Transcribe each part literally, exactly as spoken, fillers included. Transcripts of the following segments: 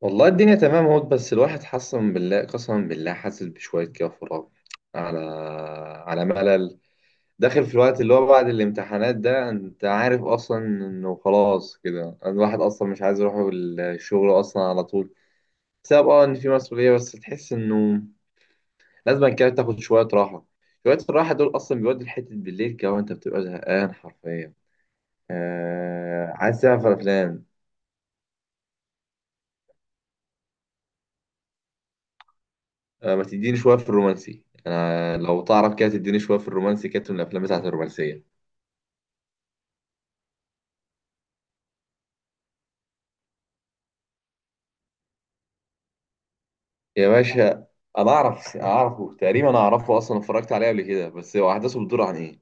والله الدنيا تمام اهو. بس الواحد حسن بالله، قسما بالله حاسس بشوية كده فراغ، على على ملل داخل في الوقت اللي هو بعد الامتحانات ده. انت عارف اصلا انه خلاص كده الواحد اصلا مش عايز يروح الشغل اصلا على طول بسبب اه ان في مسؤولية، بس تحس انه لازم كده تاخد شوية راحة. شوية الراحة دول اصلا بيودوا لحتة بالليل كده وانت بتبقى زهقان حرفيا. آه، عايز تعمل افلام. آه، ما تديني شوية في الرومانسي، أنا لو تعرف كده تديني شوية في الرومانسي كده من الأفلام بتاعت الرومانسية. يا باشا، أنا أعرف، أعرفه تقريبا، أعرفه أصلا، اتفرجت عليه قبل كده. بس هو أحداثه بتدور عن إيه؟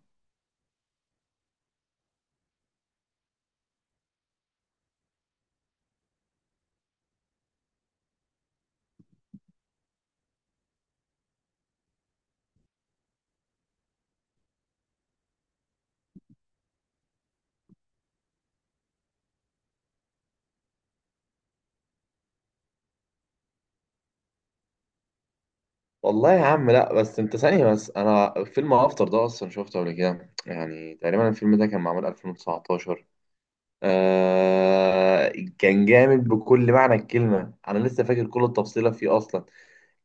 والله يا عم لا، بس أنت ثانية بس، أنا فيلم أفطر ده أصلا شفته قبل كده. يعني تقريبا الفيلم ده كان معمول ألفين وتسعطاشر. آه، كان جامد بكل معنى الكلمة، أنا لسه فاكر كل التفصيلة فيه أصلا.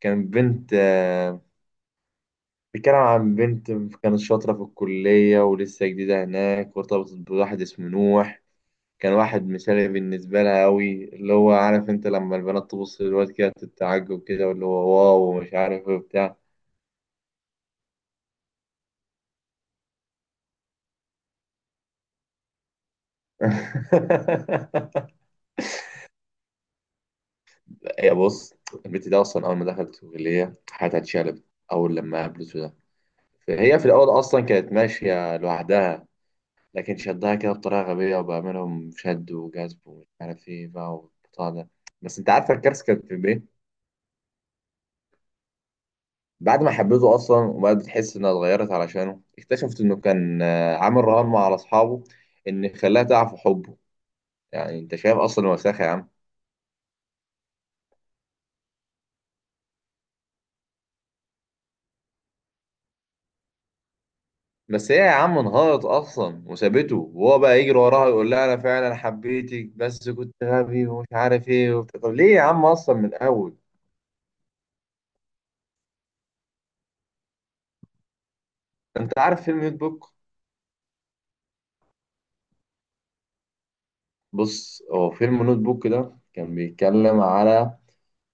كان بنت، آه، بيتكلم عن بنت كانت شاطرة في الكلية ولسه جديدة هناك، وارتبطت بواحد اسمه نوح. كان واحد مثالي بالنسبة لها أوي، اللي هو عارف، أنت لما البنات تبص للواد كده تتعجب كده، واللي هو واو ومش عارف إيه وبتاع. هي بص، البنت دي أصلا أول ما دخلت الكلية حياتها اتشقلبت، أول لما قابلته ده. فهي في الأول أصلا كانت ماشية لوحدها، لكن شدها كده بطريقة غبية، وبعملهم شد وجذب ومش عارف ايه بقى والبتاع ده. بس انت عارفة الكارثة كانت في ايه؟ بعد ما حبيته اصلا وبقت بتحس انها اتغيرت علشانه، اكتشفت انه كان آه، عامل رهان مع اصحابه ان خلاها تعرف حبه. يعني انت شايف اصلا وساخة يا عم. بس هي يا عم انهارت اصلا وسابته، وهو بقى يجري وراها يقول لها انا فعلا حبيتك بس كنت غبي ومش عارف ايه وبتاع. طب ليه يا عم اصلا من الاول؟ انت عارف فيلم نوت بوك؟ بص، هو فيلم نوت بوك ده كان بيتكلم على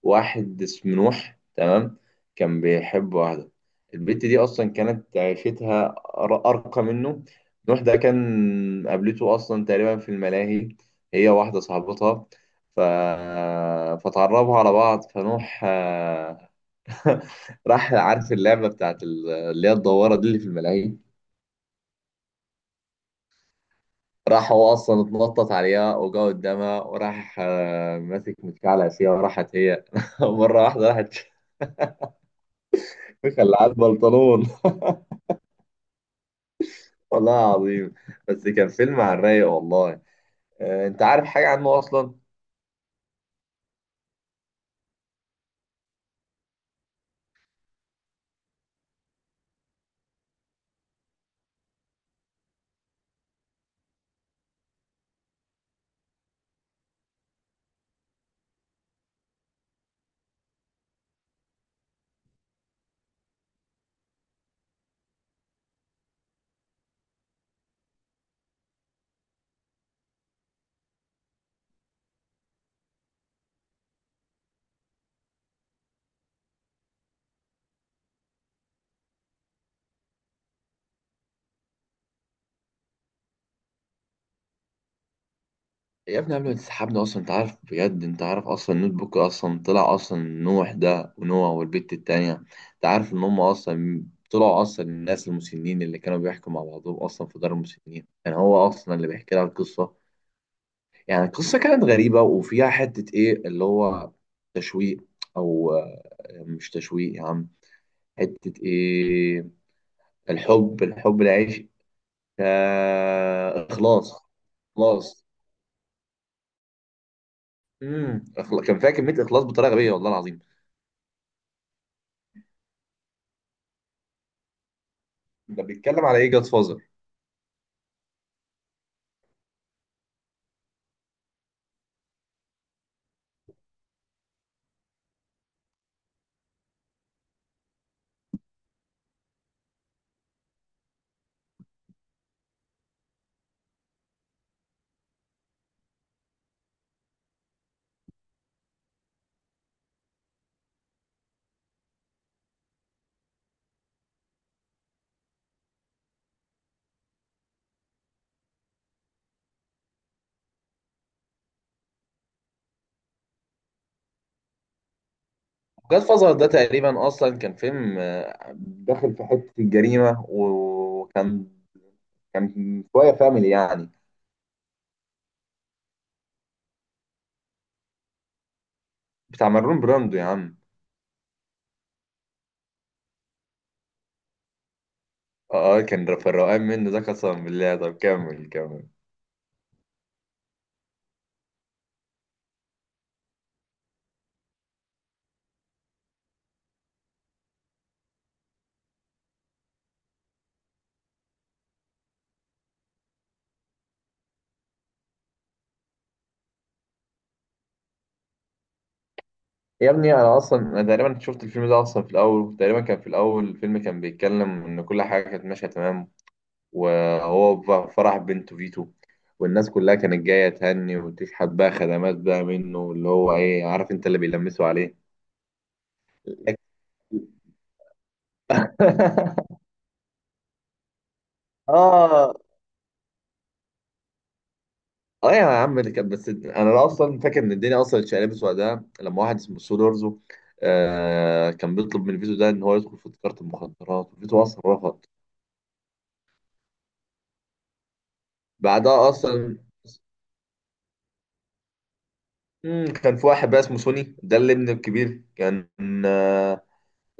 واحد اسمه نوح، تمام؟ كان بيحب واحدة، البت دي أصلا كانت عيشتها أر- أرقى منه. نوح ده كان قابلته أصلا تقريبا في الملاهي، هي واحدة صاحبتها، ف... فتعرفوا على بعض. فنوح آه، راح عارف اللعبة بتاعت ال- اللي هي الدوارة دي اللي في الملاهي. راح هو اصلا اتنطط عليها وجا قدامها وراح، آه، ماسك متكعلع فيها، وراحت هي مره واحده راحت مخلعات البنطلون. والله العظيم. بس كان فيلم على الرايق والله. آه، انت عارف حاجه عنه اصلا؟ يا ابني قبل ما تسحبنا اصلا، انت عارف بجد، انت عارف اصلا النوت بوك اصلا طلع اصلا نوح ده ونوح والبت التانيه، انت عارف ان هم اصلا طلعوا اصلا الناس المسنين اللي كانوا بيحكوا مع بعضهم اصلا في دار المسنين، كان يعني هو اصلا اللي بيحكي لها القصه. يعني القصة كانت غريبة وفيها حتة إيه اللي هو تشويق، أو آه، مش تشويق يا عم، حتة إيه، الحب، الحب العيش، آه، إخلاص. إخلاص، امم إخلا- كان فيها كمية إخلاص بطريقة غبية والله العظيم. ده بيتكلم على إيه جاد فازر؟ جاد فازر ده تقريبا أصلا كان فيلم، آه، داخل في حتة الجريمة، وكان كان شوية فاميلي يعني، بتاع مارلون براندو يا عم. اه، كان في الروقان منه ده قسما بالله. طب كمل، كمل. يا ابني انا اصلا، انا تقريبا شفت الفيلم ده اصلا في الاول، تقريبا كان في الاول الفيلم كان بيتكلم ان كل حاجه كانت ماشيه تمام، وهو ف- فرح بنته فيتو، والناس كلها كانت جايه تهني وتشحت بقى خدمات بقى منه، اللي هو ايه عارف انت، اللي بيلمسوا عليه. اه، اه يا عم. اللي كان بس انا اصلا فاكر ان الدنيا اصلا اتشقلبت وقتها لما واحد اسمه سولو ارزو، آه كان بيطلب من فيتو ده ان هو يدخل في تجاره المخدرات، وفيتو اصلا رفض. بعدها اصلا، مم، كان في واحد بقى اسمه سوني، ده اللي ابنه الكبير كان، آه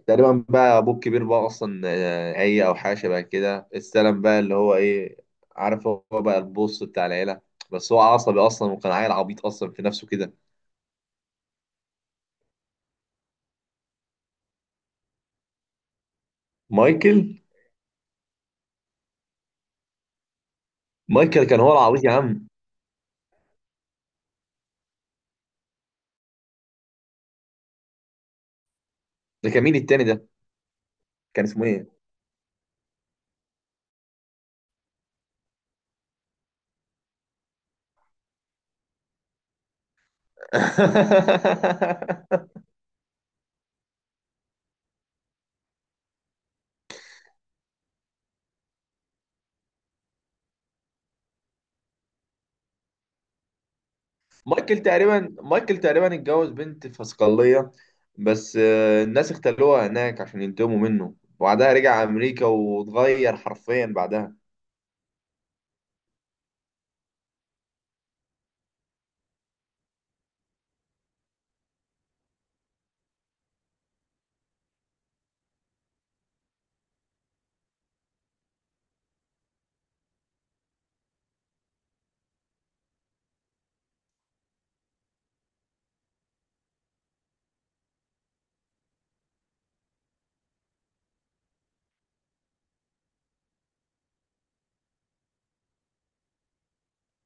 تقريبا بقى ابوه الكبير بقى اصلا، آه عي او حاجه شبه كده، استلم بقى اللي هو ايه عارف، هو بقى البوس بتاع العيله. بس هو عصبي اصلا، وكان عيل عبيط اصلا في نفسه كده. مايكل. مايكل كان هو العبيط يا عم. ده كان مين التاني ده؟ كان اسمه ايه؟ مايكل تقريبا، مايكل تقريبا اتجوز بنت في صقلية، بس آه، الناس اختلوها هناك عشان ينتقموا منه، وبعدها رجع امريكا واتغير حرفيا بعدها.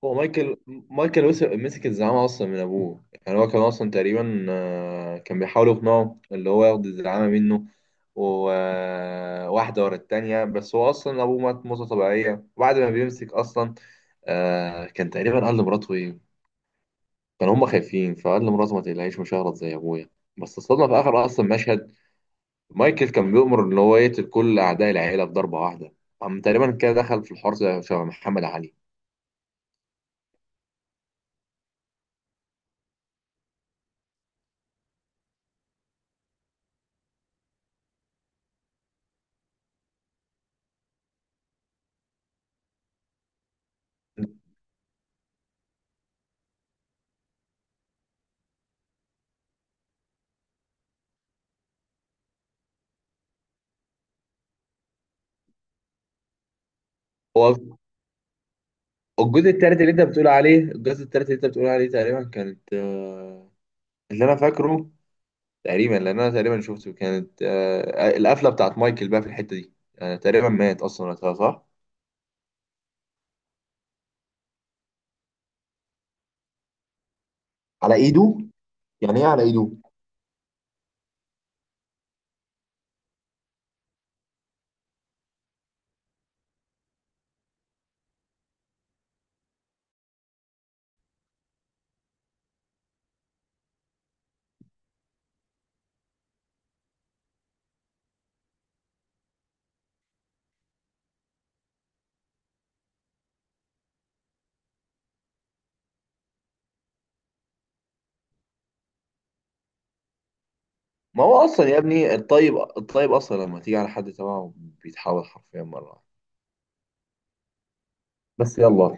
هو مايكل، مايكل وس- مسك الزعامة اصلا من ابوه. يعني هو كان اصلا تقريبا، آه، كان بيحاول يقنعه اللي هو ياخد الزعامة منه، وواحدة ورا التانية. بس هو أصلا أبوه مات موتة طبيعية، وبعد ما بيمسك أصلا، آه كان تقريبا قال لمراته إيه، كانوا هم خايفين، فقال لمراته ما تقلقيش، مش هغلط زي ابويا. بس الصدمه في اخر اصلا مشهد، مايكل كان بيؤمر ان هو يقتل كل اعداء العيله في ضربه واحده. قام تقريبا كده دخل في الحوار زي شبه محمد علي. هو الجزء التالت اللي انت بتقول عليه، الجزء التالت اللي انت بتقول عليه تقريبا كانت، آه، اللي انا فاكره تقريبا، لان انا تقريبا شفته، كانت آه، القفله بتاعت مايكل بقى في الحته دي. آه، تقريبا مات اصلا وقتها، صح؟ على ايده. يعني ايه على ايده؟ ما هو اصلا يا ابني، الطيب الطيب اصلا لما تيجي على حد تبعه بيتحول حرفيا مره واحدة. بس يلا ابقى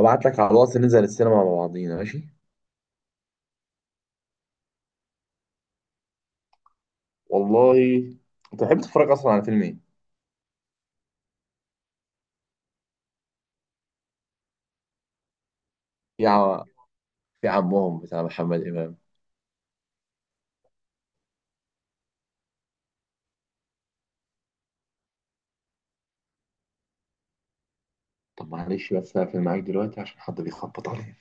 ابعت لك على الواتس ننزل السينما مع بعضينا، ماشي؟ والله، انت بتحب تتفرج اصلا على فيلم ايه؟ في ع... في عمهم بتاع محمد امام. طب معلش بس هقفل معاك دلوقتي عشان حد بيخبط عليا.